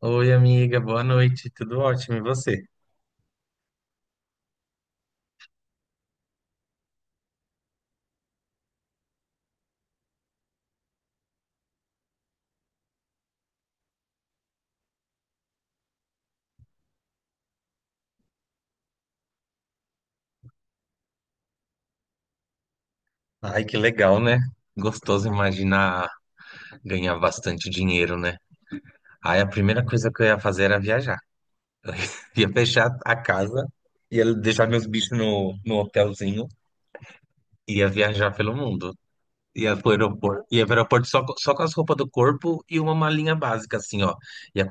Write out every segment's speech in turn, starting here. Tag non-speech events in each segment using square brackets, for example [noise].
Oi, amiga, boa noite, tudo ótimo, e você? Ai, que legal, né? Gostoso imaginar ganhar bastante dinheiro, né? Ai, a primeira coisa que eu ia fazer era viajar. [laughs] Ia fechar a casa, ia deixar meus bichos no hotelzinho, ia viajar pelo mundo. Ia pro aeroporto só, só com as roupas do corpo e uma malinha básica, assim, ó. Ia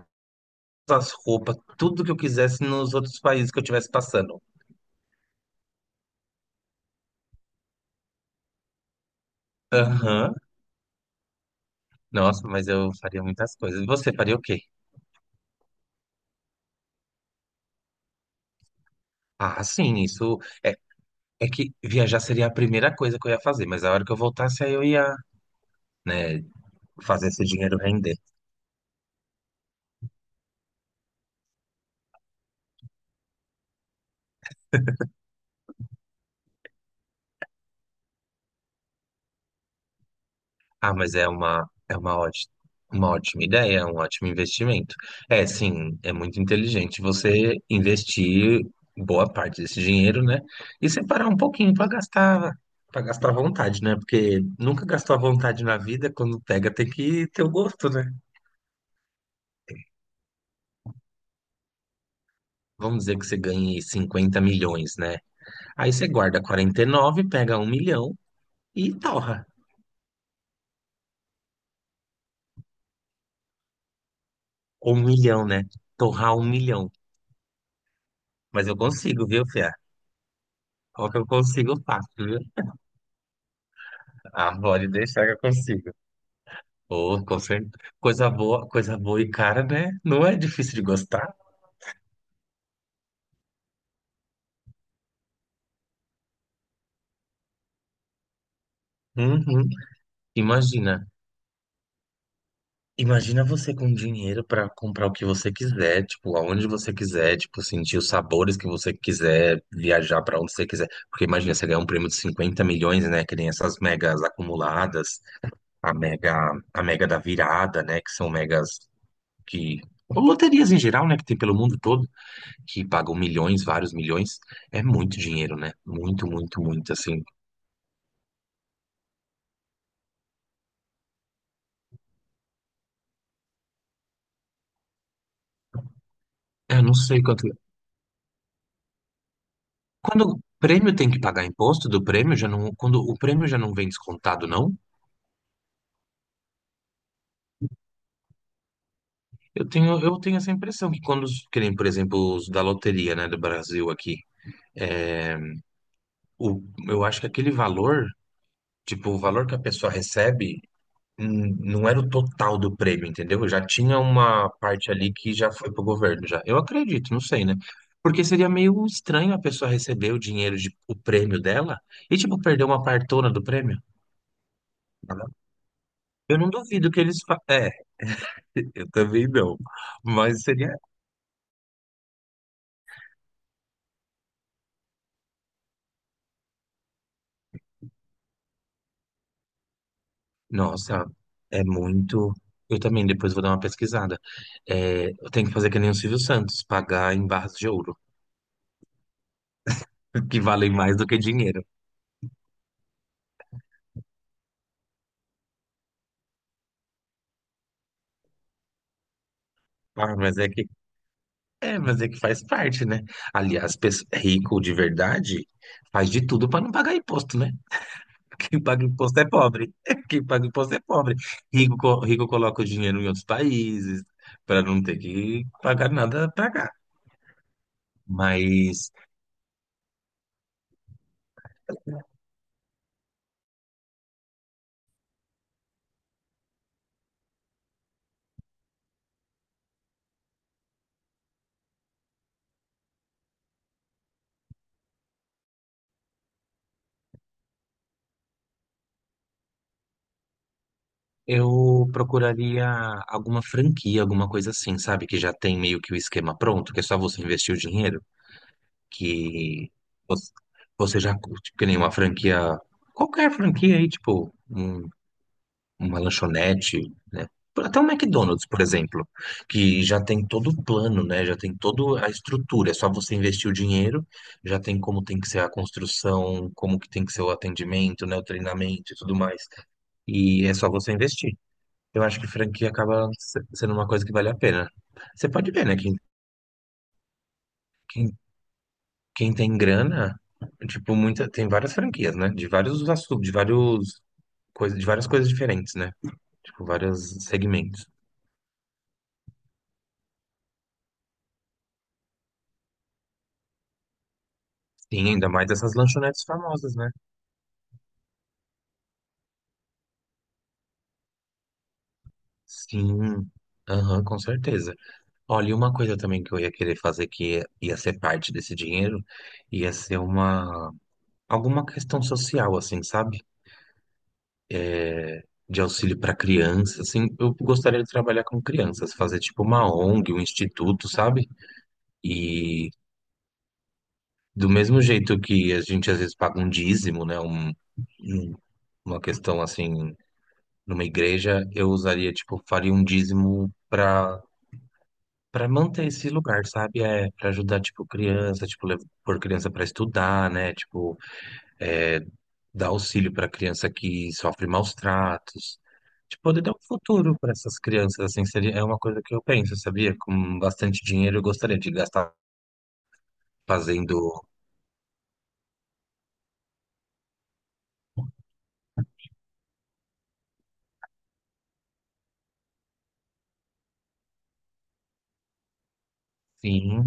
com as roupas, tudo que eu quisesse nos outros países que eu estivesse passando. Aham, nossa, mas eu faria muitas coisas. E você faria o quê? Ah, sim, isso. É que viajar seria a primeira coisa que eu ia fazer, mas a hora que eu voltasse, aí eu ia, né, fazer esse dinheiro render. Ah, mas uma ótima ideia, é um ótimo investimento. É, sim, é muito inteligente você investir boa parte desse dinheiro, né, e separar um pouquinho para gastar à vontade, né, porque nunca gastou à vontade na vida, quando pega tem que ter o gosto, né. Vamos dizer que você ganhe 50 milhões, né, aí você guarda 49, pega 1 milhão e torra. 1 milhão, né? Torrar 1 milhão. Mas eu consigo, viu, Fia? Qual que eu consigo fácil, viu? Ah, pode deixar que eu consigo. Ô, com certeza. Coisa boa e cara, né? Não é difícil de gostar. Uhum. Imagina. Imagina você com dinheiro pra comprar o que você quiser, tipo, aonde você quiser, tipo, sentir os sabores que você quiser, viajar pra onde você quiser. Porque imagina, você ganhar um prêmio de 50 milhões, né? Que nem essas megas acumuladas, a mega, a mega da virada, né? Que são megas que ou loterias em geral, né, que tem pelo mundo todo, que pagam milhões, vários milhões, é muito dinheiro, né? Muito, muito, muito, assim. Eu não sei quanto. Quando o prêmio tem que pagar imposto do prêmio, já não, quando o prêmio já não vem descontado, não? Eu tenho essa impressão que quando, que nem, por exemplo, os da loteria, né, do Brasil aqui, o, eu acho que aquele valor, tipo, o valor que a pessoa recebe, não era o total do prêmio, entendeu? Já tinha uma parte ali que já foi pro governo já. Eu acredito, não sei, né? Porque seria meio estranho a pessoa receber o dinheiro de o prêmio dela e tipo perder uma partona do prêmio. Né? Eu não duvido que eles É, [laughs] eu também não. Mas seria. Nossa, é muito. Eu também depois vou dar uma pesquisada. É, eu tenho que fazer que nem o Silvio Santos, pagar em barras de ouro, [laughs] que valem mais do que dinheiro. Ah, mas é que É, mas é que faz parte, né? Aliás, rico de verdade faz de tudo para não pagar imposto, né? [laughs] Quem paga imposto é pobre. [laughs] Quem paga imposto é pobre. Rico, rico coloca o dinheiro em outros países para não ter que pagar nada para cá. Mas eu procuraria alguma franquia, alguma coisa assim, sabe? Que já tem meio que o esquema pronto, que é só você investir o dinheiro, que você já curte, que nem uma franquia, qualquer franquia aí, tipo, uma lanchonete, né? Até um McDonald's, por exemplo, que já tem todo o plano, né? Já tem toda a estrutura. É só você investir o dinheiro, já tem como tem que ser a construção, como que tem que ser o atendimento, né? O treinamento e tudo mais. E é só você investir. Eu acho que franquia acaba sendo uma coisa que vale a pena. Você pode ver, né? Quem, quem tem grana, tipo, muita, tem várias franquias, né? De vários assuntos, de várias coisas diferentes, né? Tipo, vários segmentos. Sim, ainda mais essas lanchonetes famosas, né? Sim, aham, com certeza. Olha, e uma coisa também que eu ia querer fazer que ia ser parte desse dinheiro, ia ser uma alguma questão social, assim, sabe? De auxílio para crianças, assim, eu gostaria de trabalhar com crianças, fazer tipo uma ONG, um instituto, sabe? E do mesmo jeito que a gente às vezes paga um dízimo, né? Um- uma questão assim, numa igreja, eu usaria, tipo, faria um dízimo para Pra manter esse lugar, sabe? É para ajudar, tipo, criança, tipo, pôr criança pra estudar, né? Tipo, é, dar auxílio pra criança que sofre maus tratos. Tipo, poder dar um futuro pra essas crianças, assim, seria, é uma coisa que eu penso, sabia? Com bastante dinheiro eu gostaria de gastar fazendo, sim.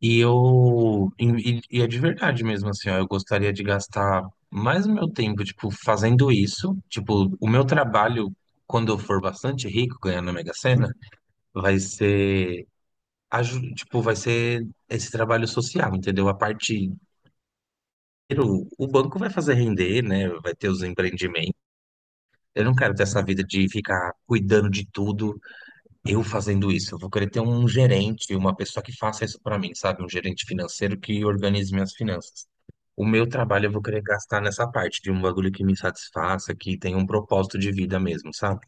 E eu, é de verdade mesmo, assim, ó, eu gostaria de gastar mais o meu tempo, tipo, fazendo isso. Tipo, o meu trabalho, quando eu for bastante rico, ganhando a Mega Sena, vai ser, tipo, vai ser esse trabalho social, entendeu? A parte, o banco vai fazer render, né? Vai ter os empreendimentos. Eu não quero ter essa vida de ficar cuidando de tudo, eu fazendo isso. Eu vou querer ter um gerente, uma pessoa que faça isso para mim, sabe? Um gerente financeiro que organize minhas finanças. O meu trabalho eu vou querer gastar nessa parte de um bagulho que me satisfaça, que tenha um propósito de vida mesmo, sabe?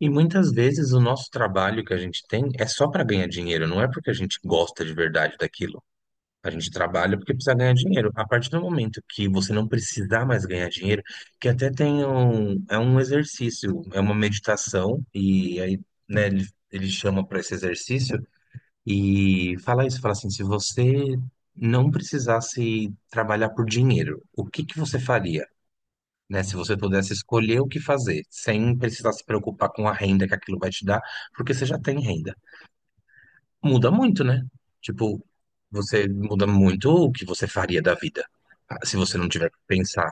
E muitas vezes o nosso trabalho que a gente tem é só para ganhar dinheiro, não é porque a gente gosta de verdade daquilo. A gente trabalha porque precisa ganhar dinheiro. A partir do momento que você não precisar mais ganhar dinheiro, que até tem um, é um exercício, é uma meditação, e aí, né, ele chama para esse exercício e fala isso, fala assim, se você não precisasse trabalhar por dinheiro, o que que você faria? Né? Se você pudesse escolher o que fazer, sem precisar se preocupar com a renda que aquilo vai te dar, porque você já tem renda. Muda muito, né? Tipo, você muda muito o que você faria da vida, ah, se você não tiver que pensar.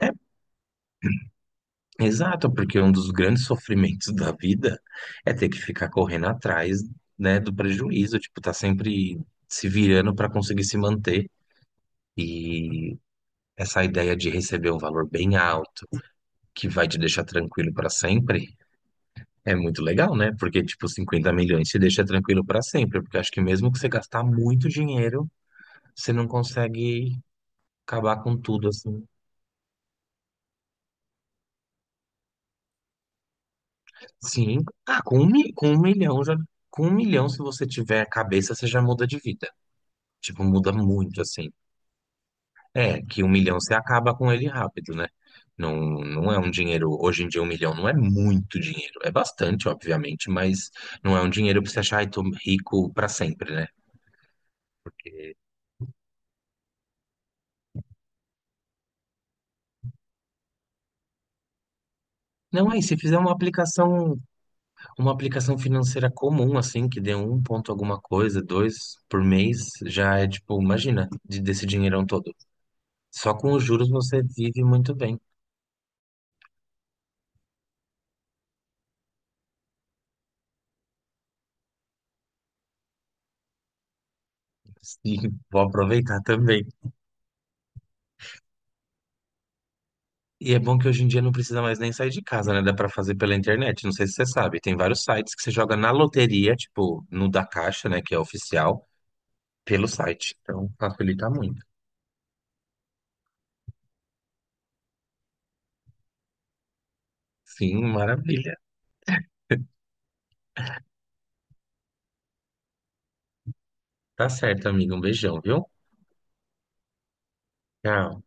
É, exato, porque um dos grandes sofrimentos da vida é ter que ficar correndo atrás, né, do prejuízo, tipo, tá sempre se virando para conseguir se manter. E essa ideia de receber um valor bem alto, que vai te deixar tranquilo para sempre, é muito legal, né? Porque, tipo, 50 milhões se deixa tranquilo pra sempre. Porque eu acho que mesmo que você gastar muito dinheiro, você não consegue acabar com tudo, assim. Sim, ah, com 1 milhão já. Com 1 milhão, se você tiver a cabeça, você já muda de vida. Tipo, muda muito, assim. É, que 1 milhão você acaba com ele rápido, né? Não, não é um dinheiro. Hoje em dia, 1 milhão não é muito dinheiro. É bastante, obviamente, mas não é um dinheiro pra você achar, ai, tô rico pra sempre, né? Porque. Não, aí, se fizer uma aplicação financeira comum, assim, que dê um ponto alguma coisa, dois por mês, já é tipo, imagina, desse dinheirão todo. Só com os juros você vive muito bem. E [laughs] vou aproveitar também. E é bom que hoje em dia não precisa mais nem sair de casa, né? Dá pra fazer pela internet. Não sei se você sabe. Tem vários sites que você joga na loteria, tipo, no da Caixa, né? Que é oficial, pelo site. Então facilita muito. Sim, maravilha. Tá certo, amigo. Um beijão, viu? Tchau.